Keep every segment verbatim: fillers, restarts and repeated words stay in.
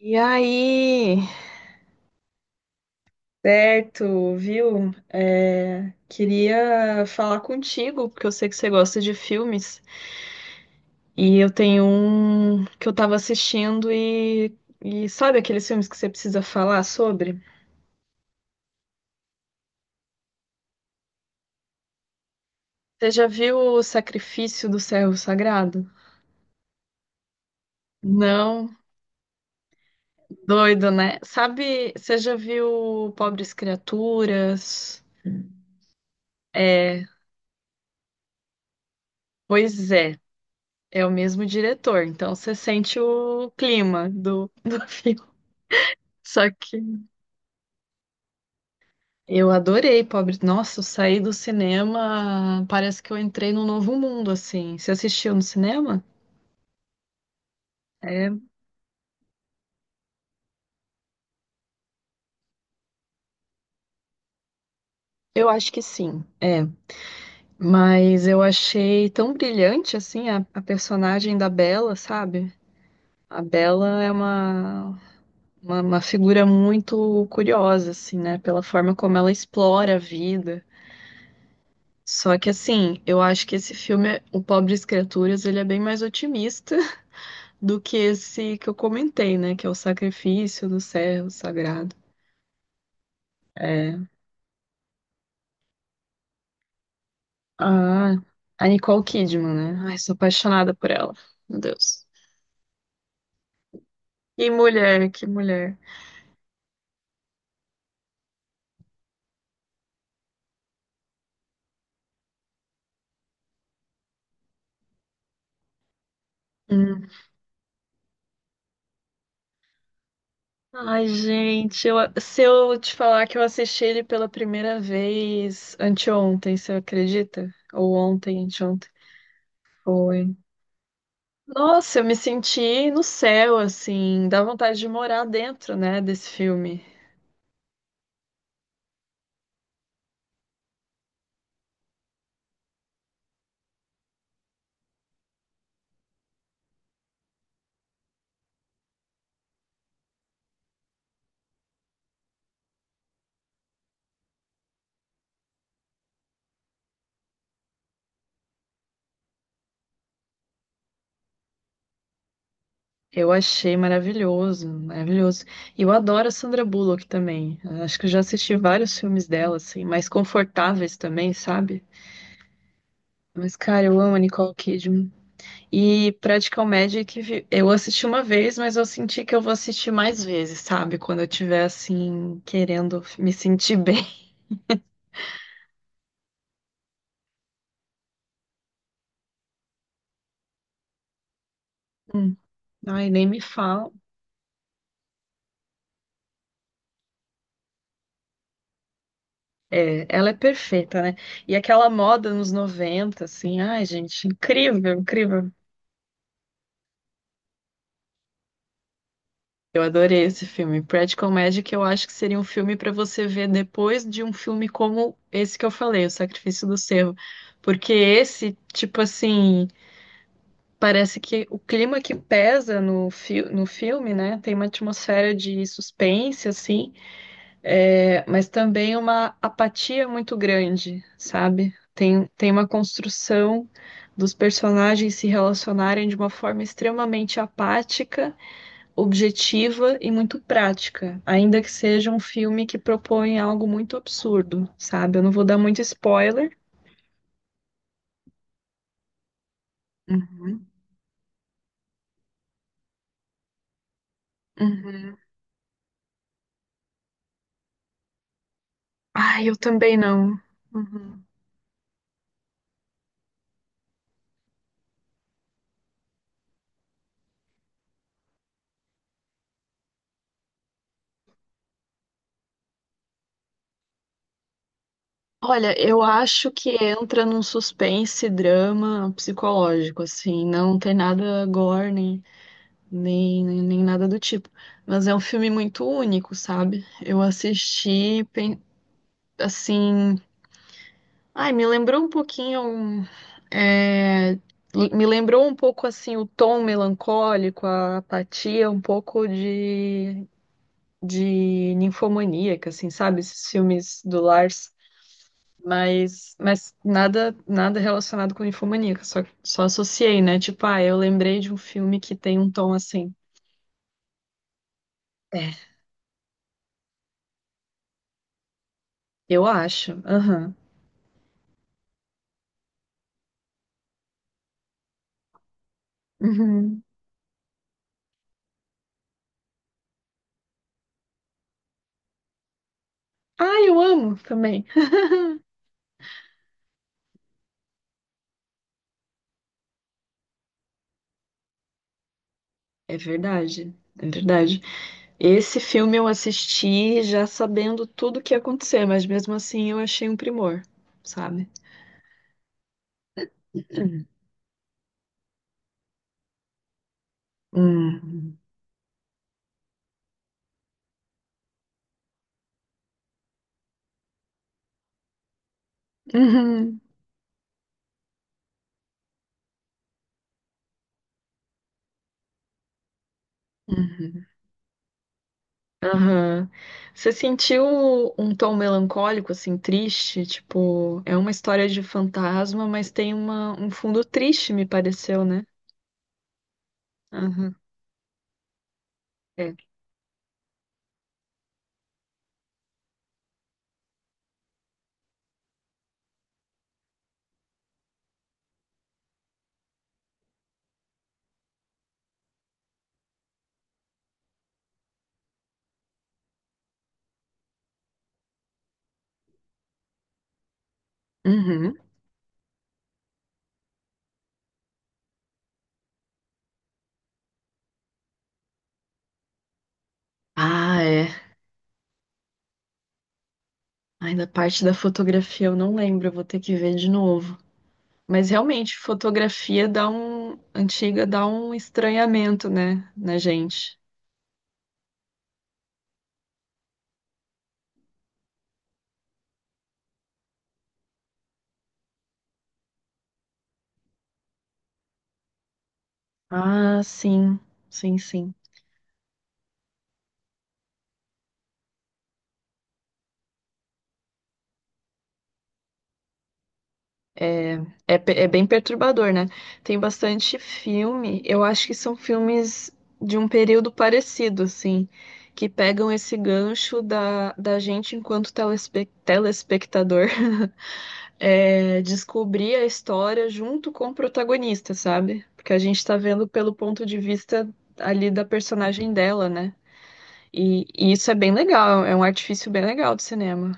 E aí? Certo, viu? É, queria falar contigo, porque eu sei que você gosta de filmes. E eu tenho um que eu tava assistindo e, e sabe aqueles filmes que você precisa falar sobre? Você já viu O Sacrifício do Servo Sagrado? Não? Doido, né? Sabe, você já viu Pobres Criaturas? É, pois é, é o mesmo diretor, então você sente o clima do, do filme. Só que eu adorei, pobre. Nossa, eu saí do cinema, parece que eu entrei num novo mundo, assim. Você assistiu no cinema? É, eu acho que sim, é. Mas eu achei tão brilhante, assim, a, a personagem da Bela, sabe? A Bela é uma, uma, uma figura muito curiosa, assim, né? Pela forma como ela explora a vida. Só que, assim, eu acho que esse filme, O Pobres Criaturas, ele é bem mais otimista do que esse que eu comentei, né? Que é o Sacrifício do Servo Sagrado. É. Ah, a Nicole Kidman, né? Ai, sou apaixonada por ela. Meu Deus. Que mulher, que mulher. Hum. Ai, gente, eu- se eu te falar que eu assisti ele pela primeira vez anteontem, você acredita? Ou ontem, anteontem. Foi. Nossa, eu me senti no céu, assim. Dá vontade de morar dentro, né, desse filme. Eu achei maravilhoso, maravilhoso. E eu adoro a Sandra Bullock também. Acho que eu já assisti vários filmes dela, assim, mais confortáveis também, sabe? Mas, cara, eu amo a Nicole Kidman. E Practical Magic, vi- eu assisti uma vez, mas eu senti que eu vou assistir mais vezes, sabe? Quando eu tiver, assim, querendo me sentir bem. Hum, ai, nem me fala. É, ela é perfeita, né? E aquela moda nos noventa, assim, ai, gente, incrível, incrível. Eu adorei esse filme. Practical Magic, eu acho que seria um filme para você ver depois de um filme como esse que eu falei, O Sacrifício do Cervo. Porque esse, tipo assim, parece que o clima que pesa no, fi no filme, né? Tem uma atmosfera de suspense, assim, é, mas também uma apatia muito grande, sabe? Tem, tem uma construção dos personagens se relacionarem de uma forma extremamente apática, objetiva e muito prática, ainda que seja um filme que propõe algo muito absurdo, sabe? Eu não vou dar muito spoiler. Uhum. Uhum. Ai, eu também não. Uhum. Olha, eu acho que entra num suspense, drama psicológico, assim, não tem nada gore, nem, nem, nem nem nada do tipo. Mas é um filme muito único, sabe? Eu assisti, pen- assim, Ai, me lembrou um pouquinho, é, me lembrou um pouco assim o tom melancólico, a apatia, um pouco de, de ninfomaníaca, assim, sabe? Esses filmes do Lars, mas, mas nada nada relacionado com ninfomaníaca, só, só associei, né? Tipo, ah, eu lembrei de um filme que tem um tom assim. É, eu acho. Aham. Uhum. Ah, eu amo também. É verdade, é verdade. Esse filme eu assisti já sabendo tudo o que ia acontecer, mas mesmo assim eu achei um primor, sabe? Hum. Uhum. Uhum. Uhum. Aham. Você sentiu um tom melancólico, assim, triste? Tipo, é uma história de fantasma, mas tem uma, um fundo triste, me pareceu, né? Aham. É. Uhum. Ah, é. Ainda parte da fotografia eu não lembro, eu vou ter que ver de novo. Mas realmente, fotografia dá um, antiga dá um estranhamento, né, na gente. Ah, sim, sim, sim. É, é, pe- é bem perturbador, né? Tem bastante filme, eu acho que são filmes de um período parecido, assim, que pegam esse gancho da, da gente enquanto telespe- telespectador é, descobrir a história junto com o protagonista, sabe? Porque a gente tá vendo pelo ponto de vista ali da personagem dela, né? E, e isso é bem legal, é um artifício bem legal do cinema.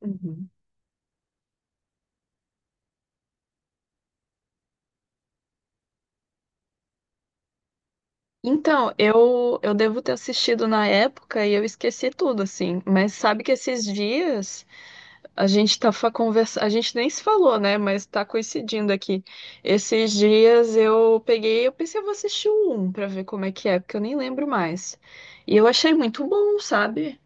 Uhum. Então, eu, eu devo ter assistido na época e eu esqueci tudo, assim. Mas sabe que esses dias, a gente tá fa- conversa... a gente nem se falou, né? Mas tá coincidindo aqui. Esses dias eu peguei, eu pensei, eu vou assistir o um pra ver como é que é, porque eu nem lembro mais. E eu achei muito bom, sabe?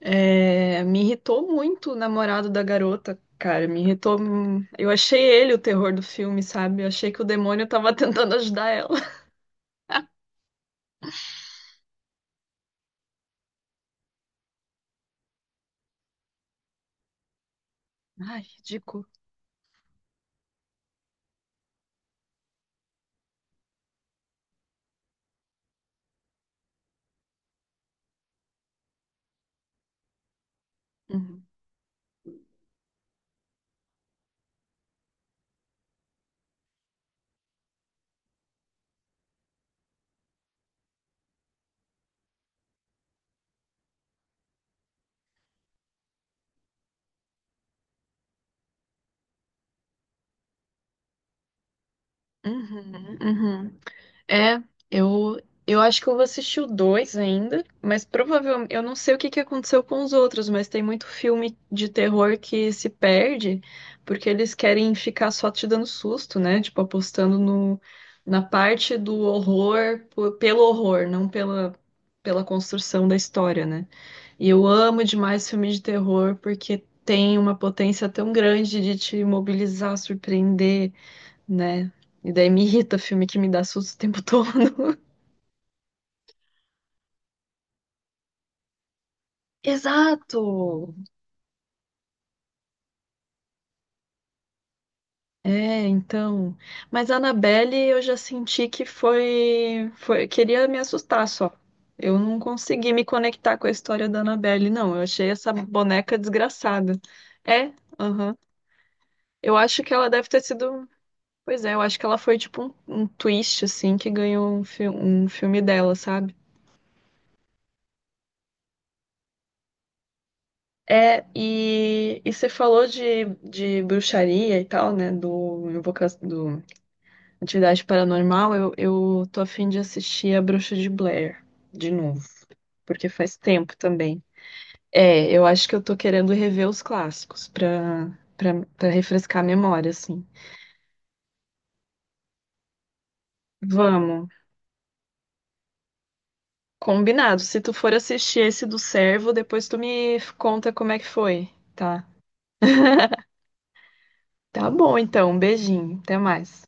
É, me irritou muito o namorado da garota, cara. Me irritou. hum, Eu achei ele o terror do filme, sabe? Eu achei que o demônio tava tentando ajudar ela. Ai, ridículo. Uhum. Uhum, uhum. É, eu, eu acho que eu vou assistir o dois ainda, mas provavelmente eu não sei o que que aconteceu com os outros, mas tem muito filme de terror que se perde porque eles querem ficar só te dando susto, né? Tipo, apostando no, na parte do horror po- pelo horror, não pela, pela construção da história, né? E eu amo demais filmes de terror porque tem uma potência tão grande de te mobilizar, surpreender, né? E daí me irrita filme que me dá susto o tempo todo. Exato! É, então. Mas a Annabelle eu já senti que foi, foi. Queria me assustar só. Eu não consegui me conectar com a história da Annabelle, não. Eu achei essa boneca desgraçada. É, aham. Eu acho que ela deve ter sido. Pois é, eu acho que ela foi tipo um, um twist, assim, que ganhou um, fi- um filme dela, sabe? É, e, e você falou de, de bruxaria e tal, né? Do, invoca- do Atividade Paranormal. Eu, eu tô a fim de assistir A Bruxa de Blair de novo, porque faz tempo também. É, eu acho que eu tô querendo rever os clássicos pra, pra, pra refrescar a memória, assim. Vamos, combinado. Se tu for assistir esse do Servo, depois tu me conta como é que foi, tá? Tá bom, então. Um beijinho. Até mais.